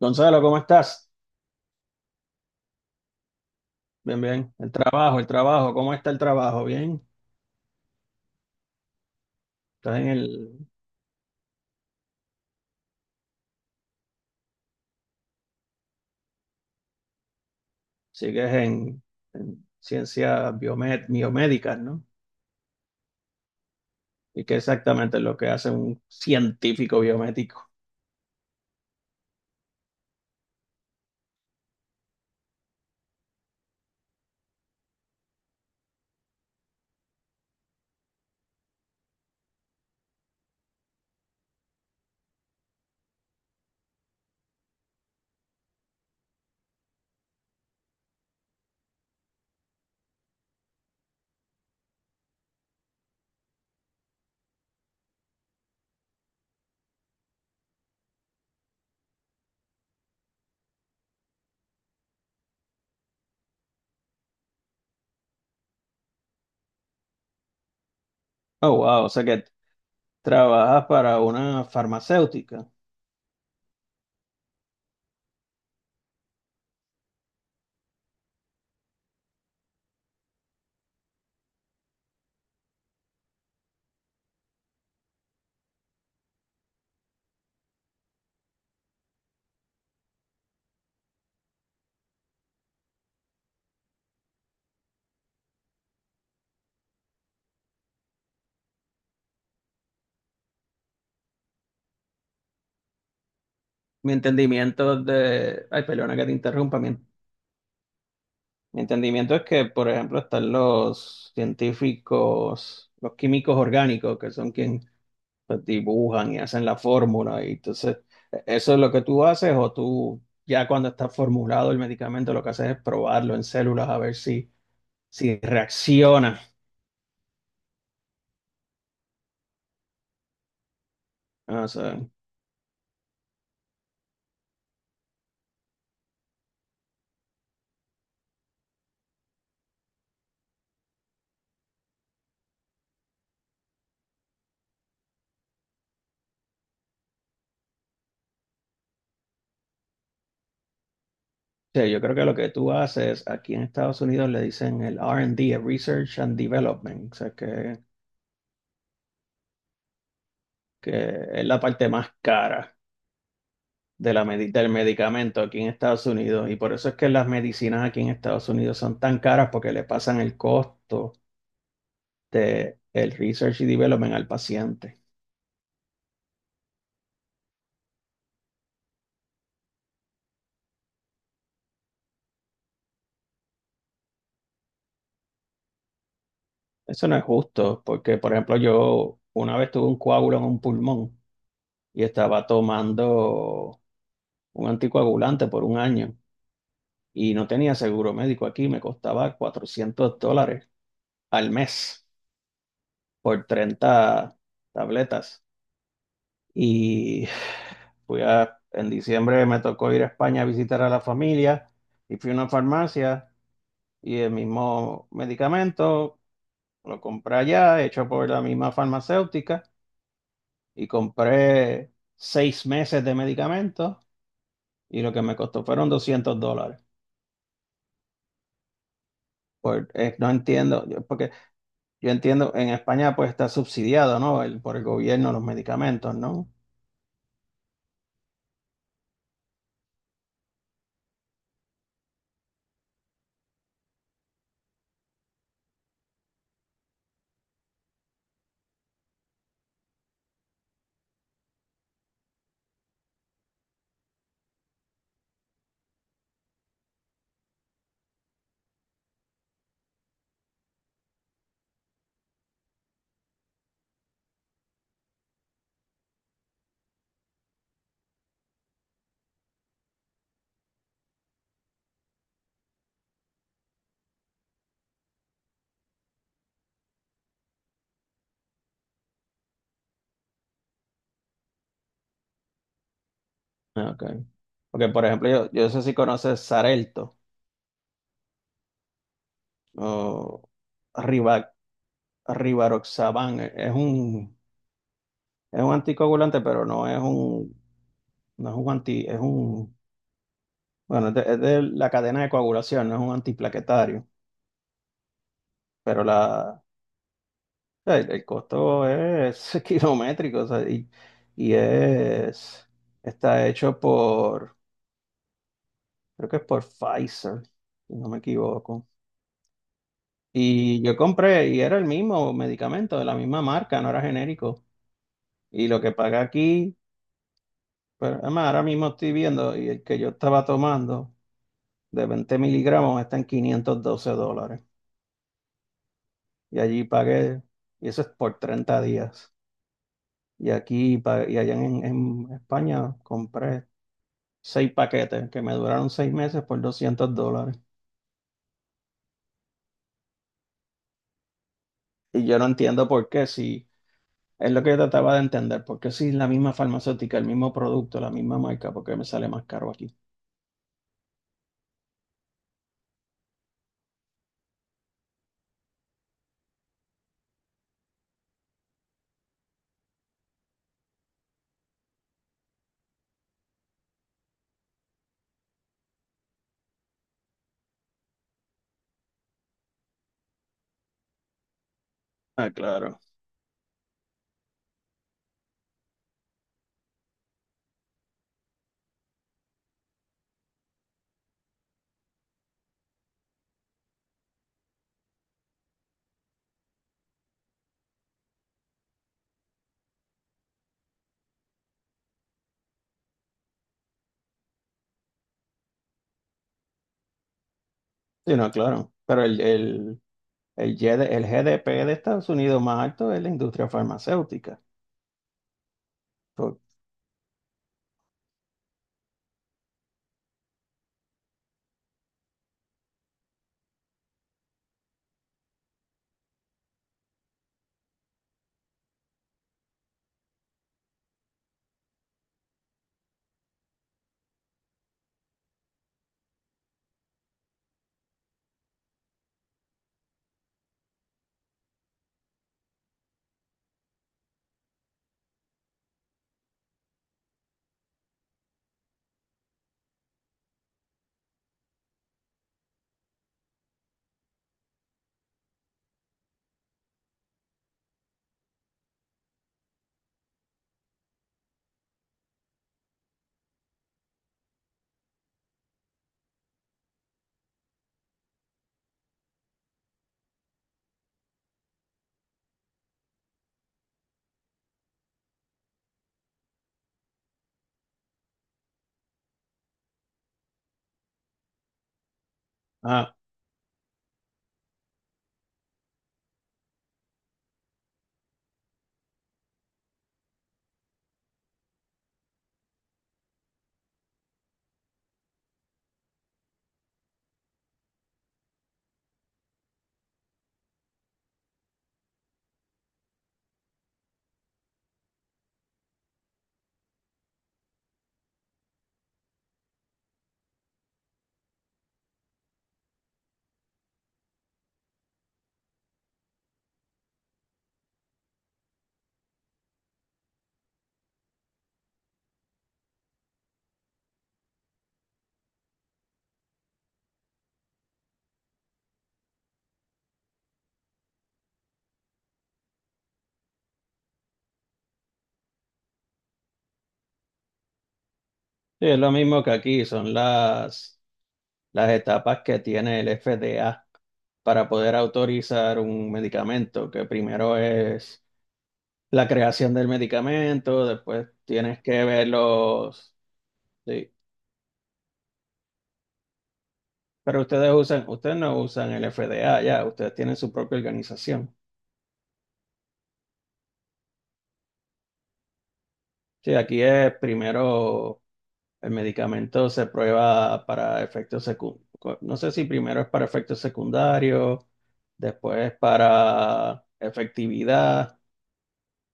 Gonzalo, ¿cómo estás? Bien, bien. El trabajo, ¿cómo está el trabajo? Bien. Estás en el, sigues en ciencias biomédicas, ¿no? ¿Y qué exactamente es lo que hace un científico biomédico? Oh, wow, o sea que trabajas para una farmacéutica. Mi entendimiento es de, Ay, perdona que te interrumpa. Mi entendimiento es que, por ejemplo, están los científicos, los químicos orgánicos, que son quienes pues, dibujan y hacen la fórmula. Y entonces, ¿eso es lo que tú haces o tú ya cuando está formulado el medicamento lo que haces es probarlo en células a ver si, si reacciona? Ah, o sea, sí, yo creo que lo que tú haces aquí en Estados Unidos le dicen el R and D, el Research and Development, o sea, que es la parte más cara. De la, medi- del medicamento aquí en Estados Unidos y por eso es que las medicinas aquí en Estados Unidos son tan caras porque le pasan el costo de el research y development al paciente. Eso no es justo, porque por ejemplo yo una vez tuve un coágulo en un pulmón y estaba tomando un anticoagulante por un año y no tenía seguro médico aquí, me costaba $400 al mes por 30 tabletas. Y en diciembre me tocó ir a España a visitar a la familia y fui a una farmacia y el mismo medicamento lo compré allá, hecho por la misma farmacéutica y compré 6 meses de medicamentos y lo que me costó fueron 200 dólares. No entiendo, porque yo entiendo, en España pues está subsidiado, ¿no? Por el gobierno los medicamentos, ¿no? Ah, ok. Porque, por ejemplo, yo no sé si conoces Xarelto o Rivaroxaban, es un anticoagulante, pero no es un anti, es un, bueno, es de la cadena de coagulación, no es un antiplaquetario, pero el costo es kilométrico, o sea, y es, está hecho por, creo que es por Pfizer, si no me equivoco. Y yo compré, y era el mismo medicamento, de la misma marca, no era genérico. Y lo que paga aquí. Pero además, ahora mismo estoy viendo y el que yo estaba tomando de 20 miligramos está en 512 dólares. Y allí pagué, y eso es por 30 días. Y allá en España compré seis paquetes que me duraron 6 meses por 200 dólares. Y yo no entiendo por qué, si es lo que yo trataba de entender, por qué si es la misma farmacéutica, el mismo producto, la misma marca, por qué me sale más caro aquí. Ah, claro. Sí, no, claro. Pero el GDP de Estados Unidos más alto es la industria farmacéutica. Por- ah, sí, es lo mismo que aquí, son las etapas que tiene el FDA para poder autorizar un medicamento, que primero es la creación del medicamento, después tienes que ver los... Sí. Pero ustedes usan, ustedes no usan el FDA ya, ustedes tienen su propia organización. Sí, aquí es primero el medicamento se prueba para efectos secundarios. No sé si primero es para efectos secundarios, después para efectividad,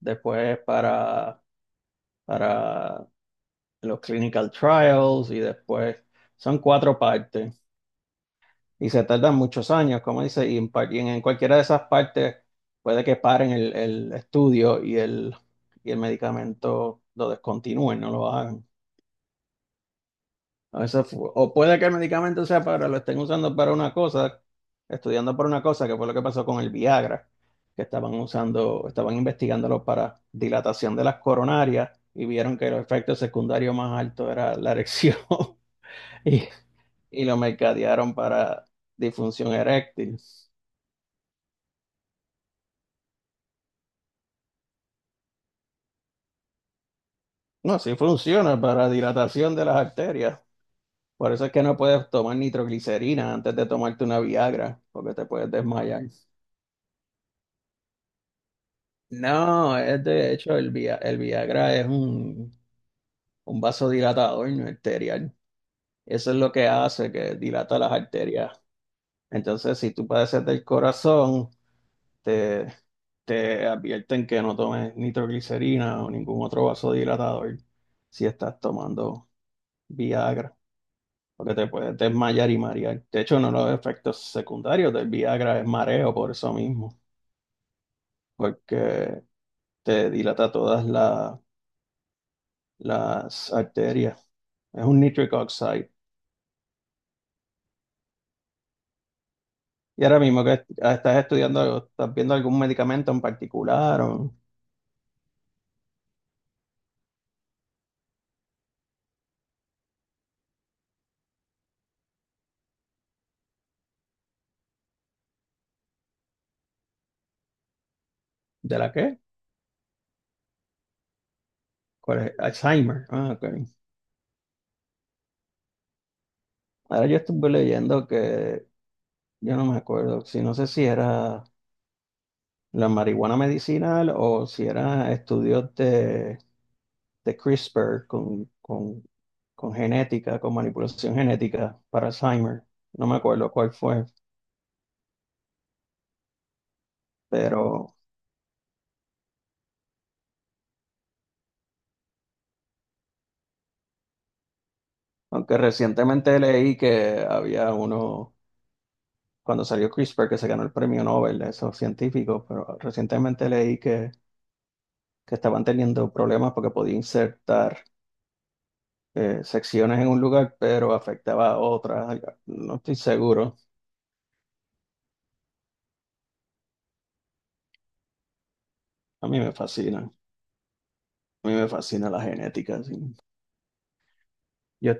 después para los clinical trials y después son cuatro partes y se tardan muchos años, como dice, y en, y en cualquiera de esas partes puede que paren el estudio y el medicamento lo descontinúen, no lo hagan. O puede que el medicamento sea para, lo estén usando para una cosa, estudiando para una cosa, que fue lo que pasó con el Viagra, que estaban usando, estaban investigándolo para dilatación de las coronarias y vieron que el efecto secundario más alto era la erección y, y lo mercadearon para disfunción eréctil. No, sí funciona para dilatación de las arterias. Por eso es que no puedes tomar nitroglicerina antes de tomarte una Viagra, porque te puedes desmayar. No, es de hecho el Viagra es un vasodilatador no arterial. Eso es lo que hace, que dilata las arterias. Entonces, si tú padeces del corazón, te, te advierten que no tomes nitroglicerina o ningún otro vasodilatador si estás tomando Viagra, porque te puedes desmayar y marear. De hecho, uno de los efectos secundarios del Viagra es mareo por eso mismo, porque te dilata todas las arterias. Es un nitric oxide. ¿Y ahora mismo estás estudiando algo, estás viendo algún medicamento en particular o...? ¿De la qué? ¿Cuál es? Alzheimer. Ah, ok. Ahora yo estuve leyendo que yo no me acuerdo, si no sé si era la marihuana medicinal o si era estudios de, CRISPR con genética, con manipulación genética para Alzheimer. No me acuerdo cuál fue, pero aunque recientemente leí que había uno cuando salió CRISPR, que se ganó el premio Nobel de esos científicos, pero recientemente leí que, estaban teniendo problemas porque podía insertar secciones en un lugar, pero afectaba a otras. No estoy seguro. A mí me fascina la genética. Sí. Yo,